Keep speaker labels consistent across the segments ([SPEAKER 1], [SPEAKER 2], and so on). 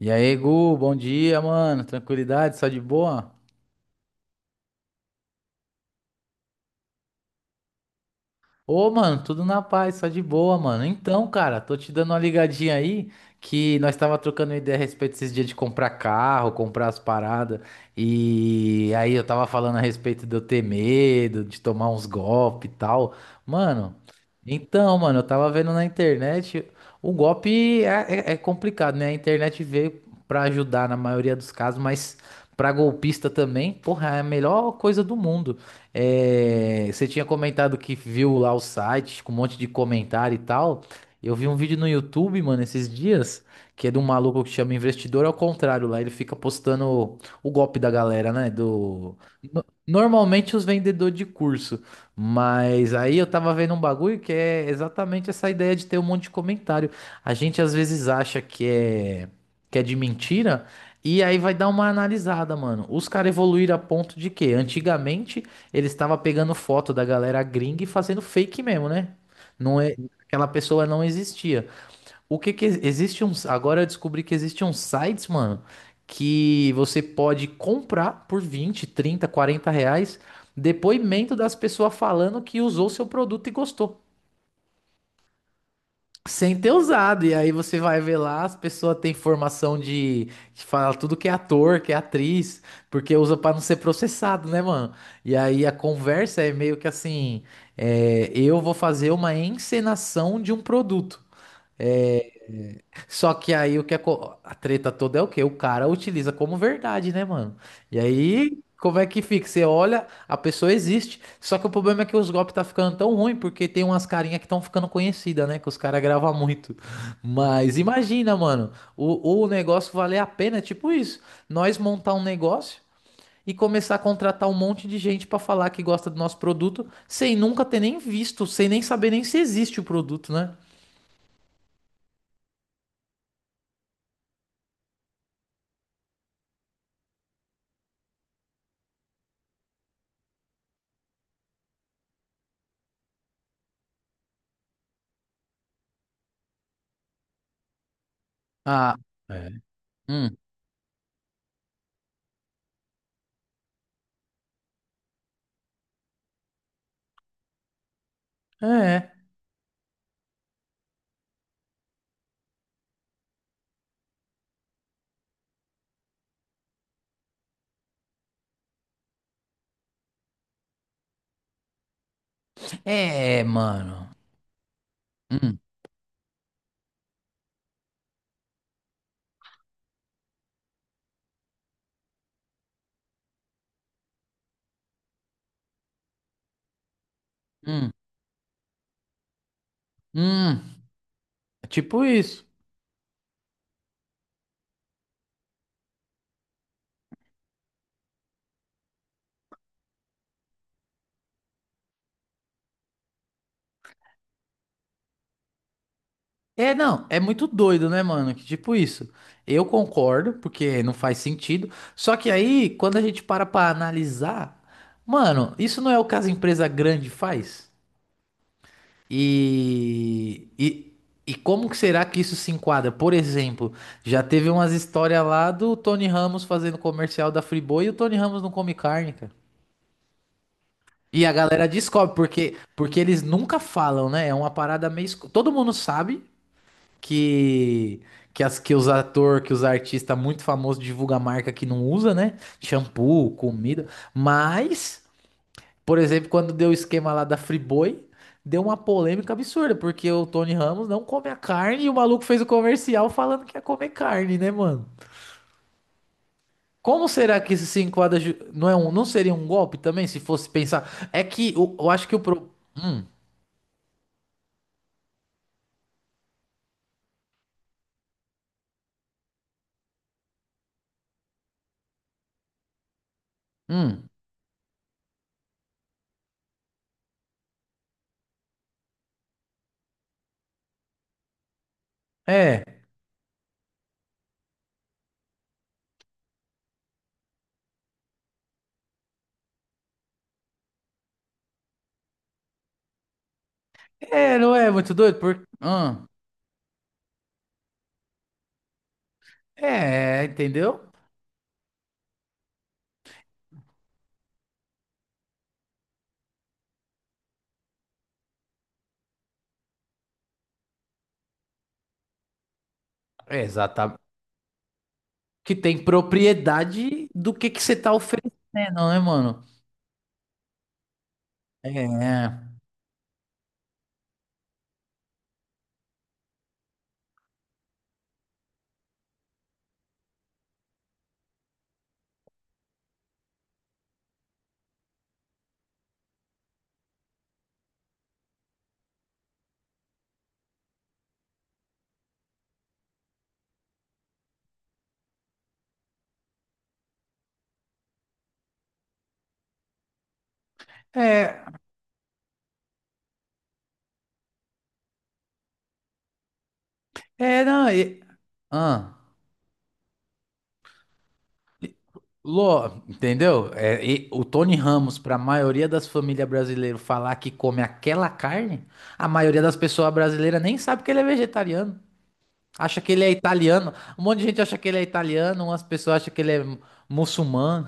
[SPEAKER 1] E aí, Gu, bom dia, mano. Tranquilidade, só de boa? Ô, mano, tudo na paz, só de boa, mano. Então, cara, tô te dando uma ligadinha aí que nós tava trocando ideia a respeito desses dias de comprar carro, comprar as paradas. E aí eu tava falando a respeito de eu ter medo, de tomar uns golpes e tal. Mano, então, mano, eu tava vendo na internet, o golpe é complicado, né? A internet veio pra ajudar na maioria dos casos, mas pra golpista também, porra, é a melhor coisa do mundo. É, você tinha comentado que viu lá o site com um monte de comentário e tal. Eu vi um vídeo no YouTube, mano, esses dias, que é de um maluco que chama Investidor ao contrário lá. Ele fica postando o golpe da galera, né? Do... no- Normalmente os vendedores de curso. Mas aí eu tava vendo um bagulho que é exatamente essa ideia de ter um monte de comentário. A gente às vezes acha que é de mentira. E aí vai dar uma analisada, mano. Os caras evoluíram a ponto de que antigamente ele estava pegando foto da galera gringa e fazendo fake mesmo, né? Não é, aquela pessoa não existia. O que que existe uns, agora eu descobri que existe uns sites, mano, que você pode comprar por 20, 30, R$ 40 depoimento das pessoas falando que usou seu produto e gostou sem ter usado. E aí você vai ver lá, as pessoas têm formação de, que fala tudo que é ator, que é atriz, porque usa pra não ser processado, né, mano? E aí a conversa é meio que assim, é, eu vou fazer uma encenação de um produto. É, só que aí o que é co- a treta toda é o quê? O cara utiliza como verdade, né, mano? E aí, como é que fica? Você olha, a pessoa existe. Só que o problema é que os golpes tá ficando tão ruim porque tem umas carinhas que estão ficando conhecidas, né? Que os caras gravam muito. Mas imagina, mano, o negócio valer a pena, é tipo isso. Nós montar um negócio e começar a contratar um monte de gente pra falar que gosta do nosso produto sem nunca ter nem visto, sem nem saber nem se existe o produto, né? Ah, é. Hum. É. É, mano. Hum, hum, hum. É, tipo isso. É, não, é muito doido, né, mano? Que tipo isso. Eu concordo, porque não faz sentido. Só que aí, quando a gente para pra analisar, mano, isso não é o que caso empresa grande faz? E, e, e como que será que isso se enquadra? Por exemplo, já teve umas histórias lá do Tony Ramos fazendo comercial da Friboi e o Tony Ramos não come carne, cara. E a galera descobre, porque eles nunca falam, né? É uma parada meio. Todo mundo sabe que, que os atores que os artistas muito famosos divulgam marca que não usa, né? Shampoo, comida. Mas, por exemplo, quando deu o esquema lá da Friboi, deu uma polêmica absurda, porque o Tony Ramos não come a carne e o maluco fez o comercial falando que ia comer carne, né, mano? Como será que isso se enquadra? Não, é um, não seria um golpe também, se fosse pensar? É que eu acho que. Hum. Hum. É, é, não é muito doido? É, entendeu? É exatamente. Que tem propriedade do que você tá oferecendo, né, mano? É, é, é, é, não, e, ah, e- Lô, entendeu? É, e o Tony Ramos, para a maioria das famílias brasileiras falar que come aquela carne, a maioria das pessoas brasileiras nem sabe que ele é vegetariano. Acha que ele é italiano. Um monte de gente acha que ele é italiano, umas pessoas acham que ele é muçulmano.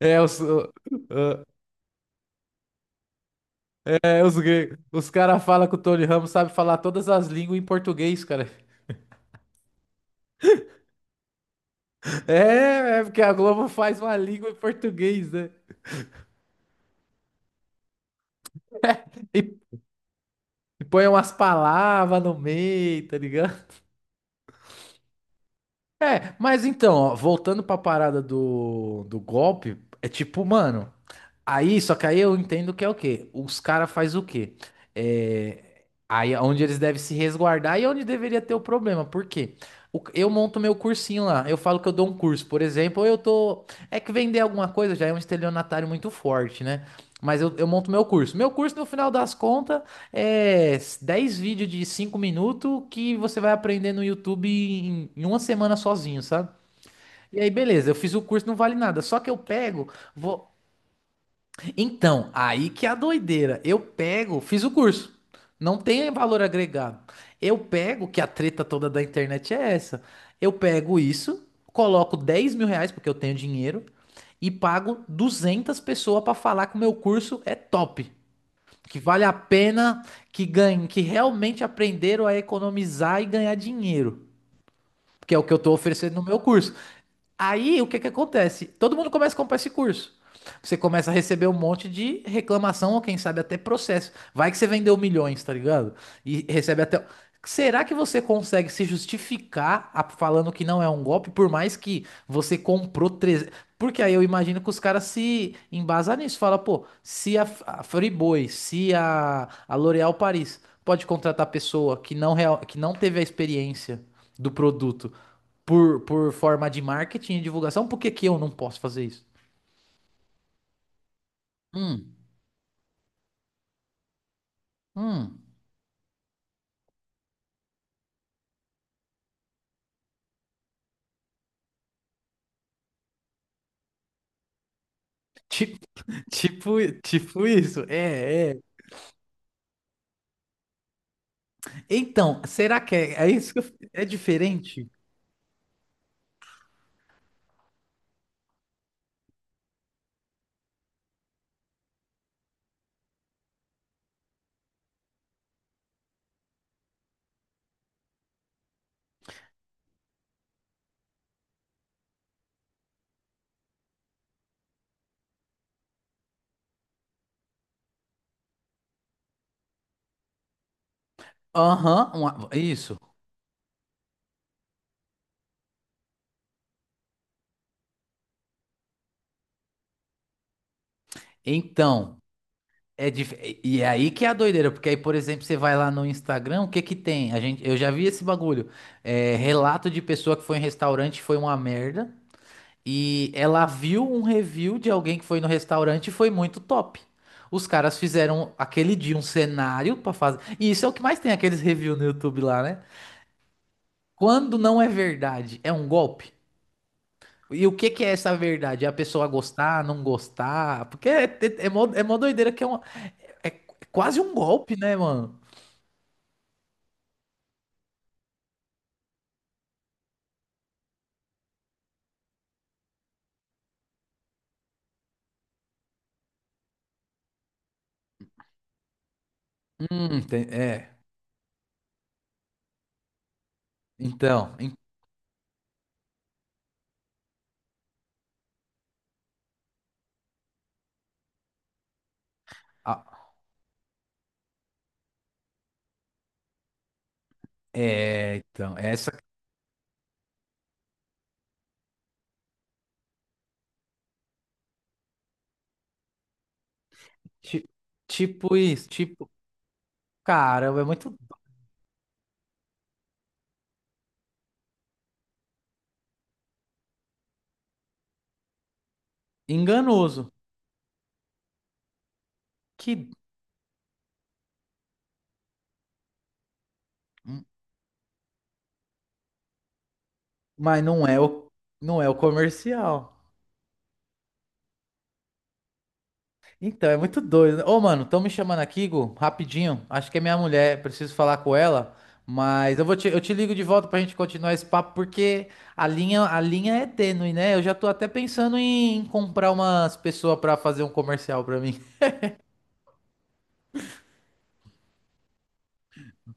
[SPEAKER 1] É, os, o- é, os, gre- os caras falam que o Tony Ramos sabe falar todas as línguas em português, cara. É, é porque a Globo faz uma língua em português, né? E, e põe umas palavras no meio, tá ligado? É, mas então, ó, voltando pra parada do golpe, é tipo, mano. Aí, só que aí eu entendo que é o quê? Os caras faz o quê? É, aí é onde eles devem se resguardar e é onde deveria ter o problema. Por quê? Eu monto meu cursinho lá. Eu falo que eu dou um curso, por exemplo, eu tô. É que vender alguma coisa já é um estelionatário muito forte, né? Mas eu monto meu curso. Meu curso, no final das contas, é 10 vídeos de 5 minutos que você vai aprender no YouTube em uma semana sozinho, sabe? E aí, beleza, eu fiz o curso, não vale nada. Só que eu pego. Então, aí que é a doideira. Eu pego, fiz o curso. Não tem valor agregado. Eu pego, que a treta toda da internet é essa. Eu pego isso, coloco R$ 10 mil, porque eu tenho dinheiro, e pago 200 pessoas para falar que o meu curso é top. Que vale a pena, que ganhem, que realmente aprenderam a economizar e ganhar dinheiro. Que é o que eu tô oferecendo no meu curso. Aí o que que acontece? Todo mundo começa a comprar esse curso. Você começa a receber um monte de reclamação, ou quem sabe até processo. Vai que você vendeu milhões, tá ligado? E recebe até. Será que você consegue se justificar falando que não é um golpe, por mais que você comprou 300? Porque aí eu imagino que os caras se embasam nisso. Fala, pô, se a Friboi, se a L'Oréal Paris pode contratar pessoa que não, real, que não teve a experiência do produto por forma de marketing e divulgação, por que que eu não posso fazer isso? Hum, hum. Tipo, tipo isso. É, é. Então, será que é isso que é diferente? Aham, isso. Então, é dif... e é aí que é a doideira, porque aí, por exemplo, você vai lá no Instagram, o que que tem? Eu já vi esse bagulho. É, relato de pessoa que foi em restaurante e foi uma merda. E ela viu um review de alguém que foi no restaurante e foi muito top. Os caras fizeram aquele dia um cenário pra fazer. E isso é o que mais tem aqueles reviews no YouTube lá, né? Quando não é verdade, é um golpe. E o que que é essa verdade? É a pessoa gostar, não gostar? Porque é mó doideira que é, uma, é quase um golpe, né, mano? É. Então, ah, é, então, essa ti- tipo isso, tipo, cara é muito enganoso. Que Mas não é o comercial. Então, é muito doido, né? Ô, mano, estão me chamando aqui, Gu, rapidinho. Acho que é minha mulher, preciso falar com ela. Mas eu te ligo de volta pra gente continuar esse papo, porque a linha é tênue, né? Eu já tô até pensando em comprar umas pessoas pra fazer um comercial pra mim.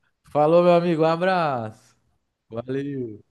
[SPEAKER 1] Falou, meu amigo, um abraço. Valeu.